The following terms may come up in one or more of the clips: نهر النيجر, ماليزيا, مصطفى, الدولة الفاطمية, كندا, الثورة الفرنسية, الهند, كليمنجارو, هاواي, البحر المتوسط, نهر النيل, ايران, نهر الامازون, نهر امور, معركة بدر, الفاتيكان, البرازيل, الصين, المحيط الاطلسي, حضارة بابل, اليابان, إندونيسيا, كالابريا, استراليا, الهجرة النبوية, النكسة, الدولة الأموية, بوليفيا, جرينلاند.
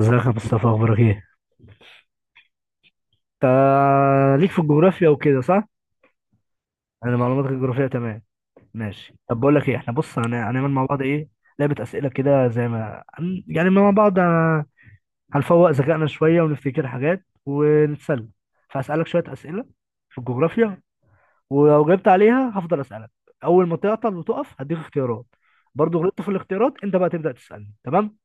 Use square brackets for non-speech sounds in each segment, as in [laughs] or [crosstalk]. ازيك يا مصطفى، اخبارك ايه؟ انت ليك في الجغرافيا وكده صح؟ انا معلوماتك الجغرافية تمام. ماشي، طب بقول لك ايه، احنا بص هنعمل مع بعض ايه، لعبة اسئلة كده زي ما يعني مع بعض هنفوق ذكائنا شوية ونفتكر حاجات ونتسلى. فهسألك شوية اسئلة في الجغرافيا، ولو جبت عليها هفضل اسألك. اول ما تعطل وتقف هديك اختيارات، برضو غلطت في الاختيارات انت بقى تبدأ تسألني، تمام؟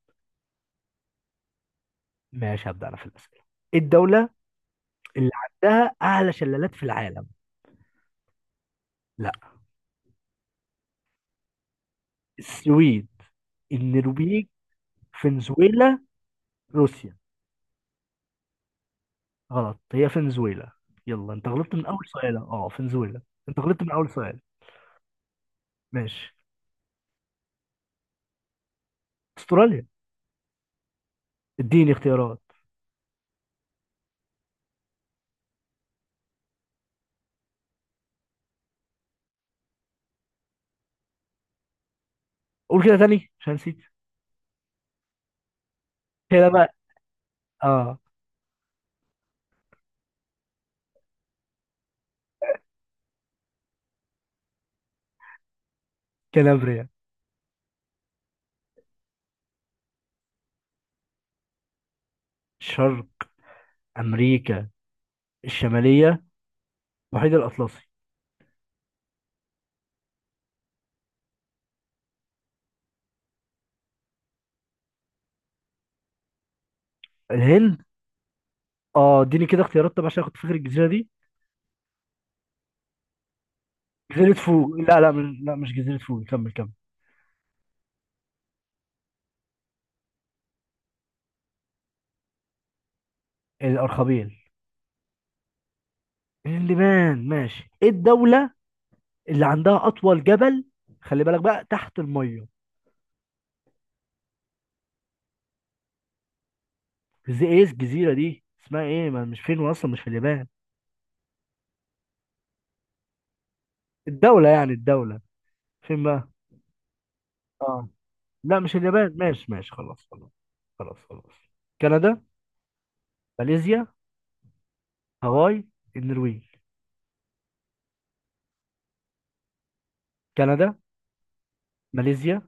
ماشي هبدأ انا في الاسئلة. ايه الدولة اللي عندها اعلى شلالات في العالم؟ لا. السويد، النرويج، فنزويلا، روسيا. غلط، هي فنزويلا. يلا انت غلطت من اول سؤال، اه فنزويلا. انت غلطت من اول سؤال. ماشي. استراليا. اديني اختيارات. قول كده تاني عشان نسيت كده بقى. اه كالابريا. شرق امريكا الشماليه. المحيط الاطلسي. الهند. اه اديني كده اختيارات طب عشان اخد فكره الجزيره دي. جزيره فوق، لا لا لا مش جزيره فوق، كمل كمل. الارخبيل. اللبنان. ماشي، ايه الدوله اللي عندها اطول جبل؟ خلي بالك بقى، تحت الميه، زي ايه الجزيرة دي اسمها ايه؟ ما مش فين اصلا، مش في اليابان. الدولة يعني، الدولة فين بقى. اه لا مش اليابان، ماشي ماشي، خلاص خلاص، خلاص خلاص. كندا، ماليزيا، هاواي، النرويج. كندا، ماليزيا،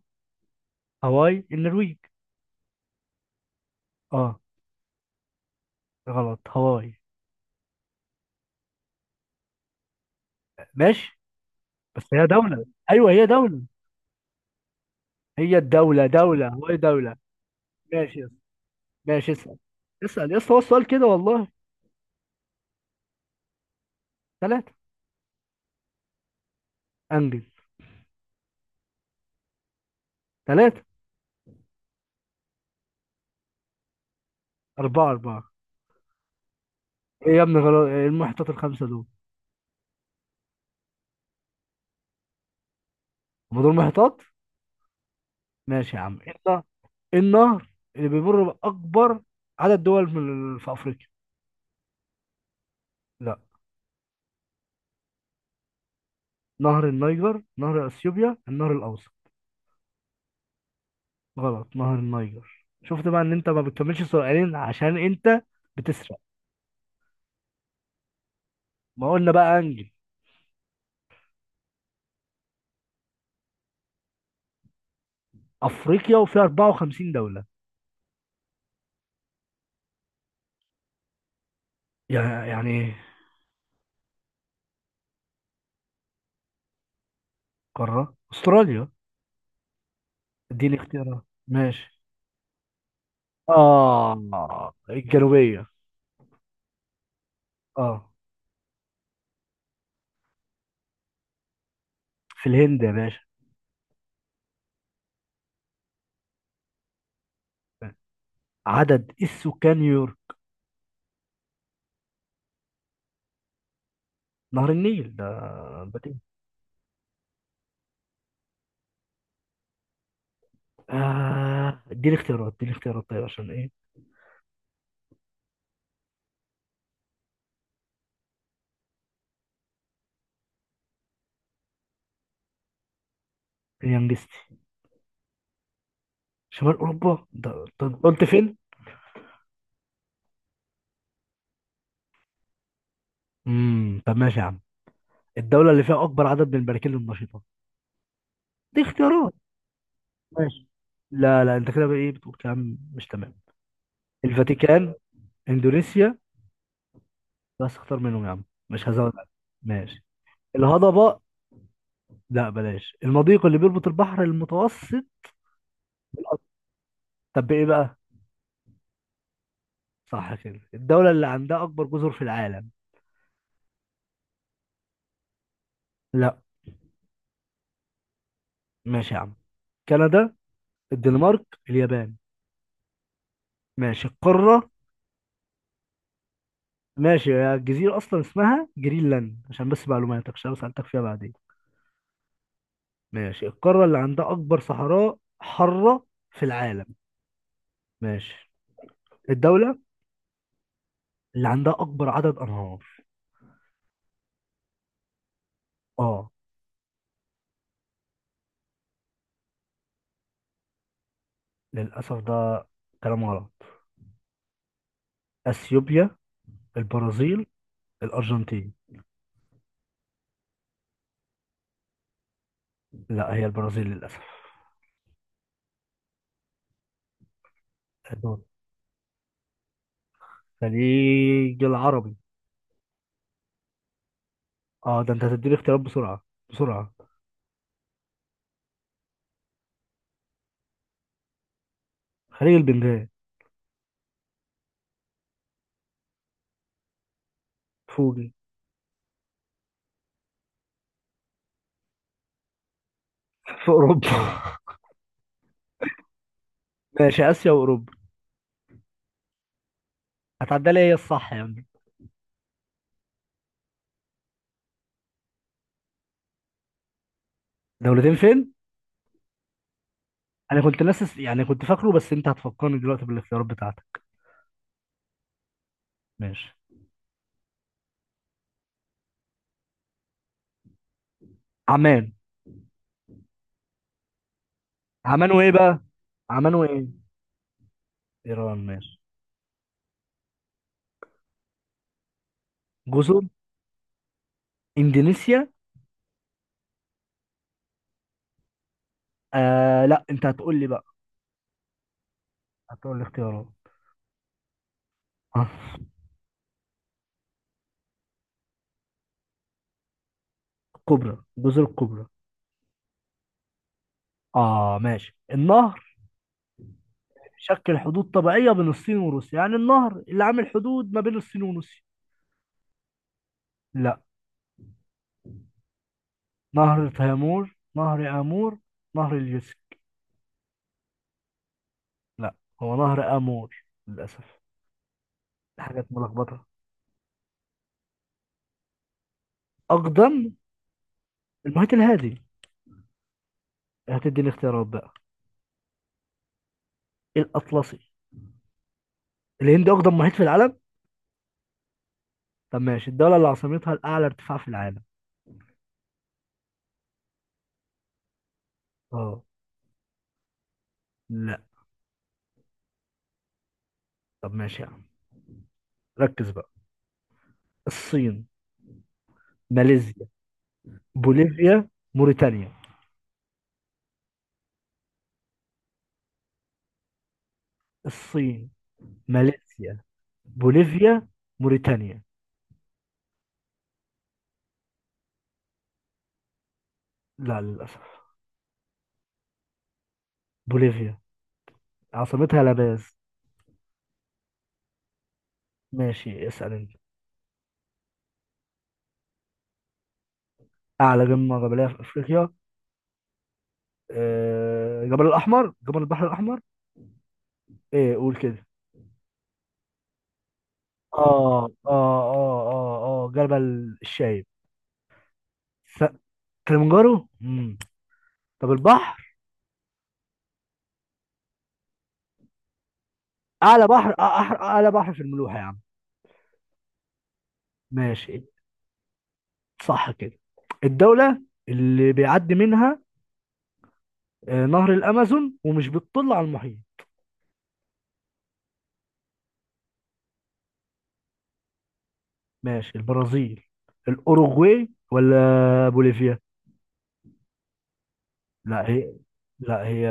هاواي، النرويج. اه. غلط هاواي. ماشي، بس هي دولة. ايوه هي دولة. هي الدولة دولة، هاواي دولة. ماشي يا اسطى، ماشي اسأل. اسأل يا اسطى، هو السؤال كده والله. ثلاثة. انجز. ثلاثة. أربعة أربعة. إيه يا ابني غلط، إيه المحيطات الخمسة دول؟ هما دول محيطات؟ ماشي يا عم، ايه النهر؟ إيه النهر اللي بيمر بأكبر عدد دول من في أفريقيا؟ لا. نهر النيجر، نهر أثيوبيا، النهر الأوسط. غلط، نهر النيجر. شفت بقى ان انت ما بتكملش سؤالين عشان انت بتسرق. ما قلنا بقى انجل. افريقيا وفيها 54 دولة. يعني ايه؟ قارة استراليا. اديني اختيارات. ماشي. اه الجنوبية. اه. في الهند يا باشا. عدد السكان. نهر النيل ده. بديهي. آه اديني اختيارات، اديني اختيارات طيب عشان ايه. كده انجزتي. شمال اوروبا ده، طب قلت فين؟ طب ماشي يا عم، الدولة اللي فيها أكبر عدد من البراكين النشيطة، دي اختيارات. ماشي. لا لا أنت كده بقى إيه، بتقول كلام مش تمام. الفاتيكان، إندونيسيا. بس اختار منهم يا عم، مش هزود عليك. ماشي. الهضبة، لا بلاش، المضيق اللي بيربط البحر المتوسط بالأطلس. طب إيه بقى؟ صح كده. الدولة اللي عندها أكبر جزر في العالم. لا. ماشي يا عم، كندا، الدنمارك، اليابان. ماشي القارة. ماشي يا، الجزيرة أصلا اسمها جرينلاند عشان بس معلوماتك عشان لو سألتك فيها بعدين. ماشي، القارة اللي عندها أكبر صحراء حارة في العالم. ماشي. الدولة اللي عندها أكبر عدد أنهار. آه. للأسف ده كلام غلط. أثيوبيا، البرازيل، الأرجنتين. لا هي البرازيل للأسف. دول. الخليج العربي. آه ده أنت هتديني اختيارات بسرعة بسرعة. خليج البنغال. فوجي. في اوروبا. [laughs] ماشي، اسيا واوروبا. هتعدي لي، هي الصح يا عم. دولتين فين؟ انا كنت ناسس، يعني كنت فاكره، بس انت هتفكرني دلوقتي بالاختيارات بتاعتك. ماشي. عمان. عمان وايه بقى؟ عمان وايه؟ ايران. ماشي. جزر. اندونيسيا. آه لا انت هتقول لي بقى، هتقول لي اختيارات. آه، الكبرى جزر الكبرى. اه ماشي، النهر شكل حدود طبيعية بين الصين وروسيا، يعني النهر اللي عامل حدود ما بين الصين وروسيا. لا. نهر تيمور، نهر امور، نهر اليوسف. لا، هو نهر امور للاسف. حاجات ملخبطه. اقدم. المحيط الهادي. هتدي الاختيارات بقى. الاطلسي. الهند اقدم محيط في العالم. طب ماشي، الدوله اللي عاصمتها الاعلى ارتفاع في العالم. اه. لا. طب ماشي يا عم، ركز بقى. الصين، ماليزيا، بوليفيا، موريتانيا. الصين، ماليزيا، بوليفيا، موريتانيا. لا للاسف، بوليفيا عاصمتها لاباز. ماشي اسال انت. اعلى قمه جبليه في افريقيا. آه، جبل الاحمر، جبل البحر الاحمر، ايه قول كده. اه جبل الشايب. س- كليمنجارو امم. طب البحر. اعلى بحر اعلى بحر في الملوحه يا عم. ماشي. صح كده. الدوله اللي بيعدي منها آه، نهر الامازون ومش بتطل على المحيط. ماشي، البرازيل، الاوروغواي، ولا بوليفيا. لا هي لا هي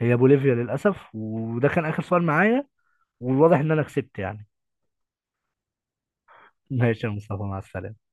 هي بوليفيا للاسف، وده كان اخر سؤال معايا، والواضح ان انا كسبت يعني. ماشي يا مصطفى، مع السلامه.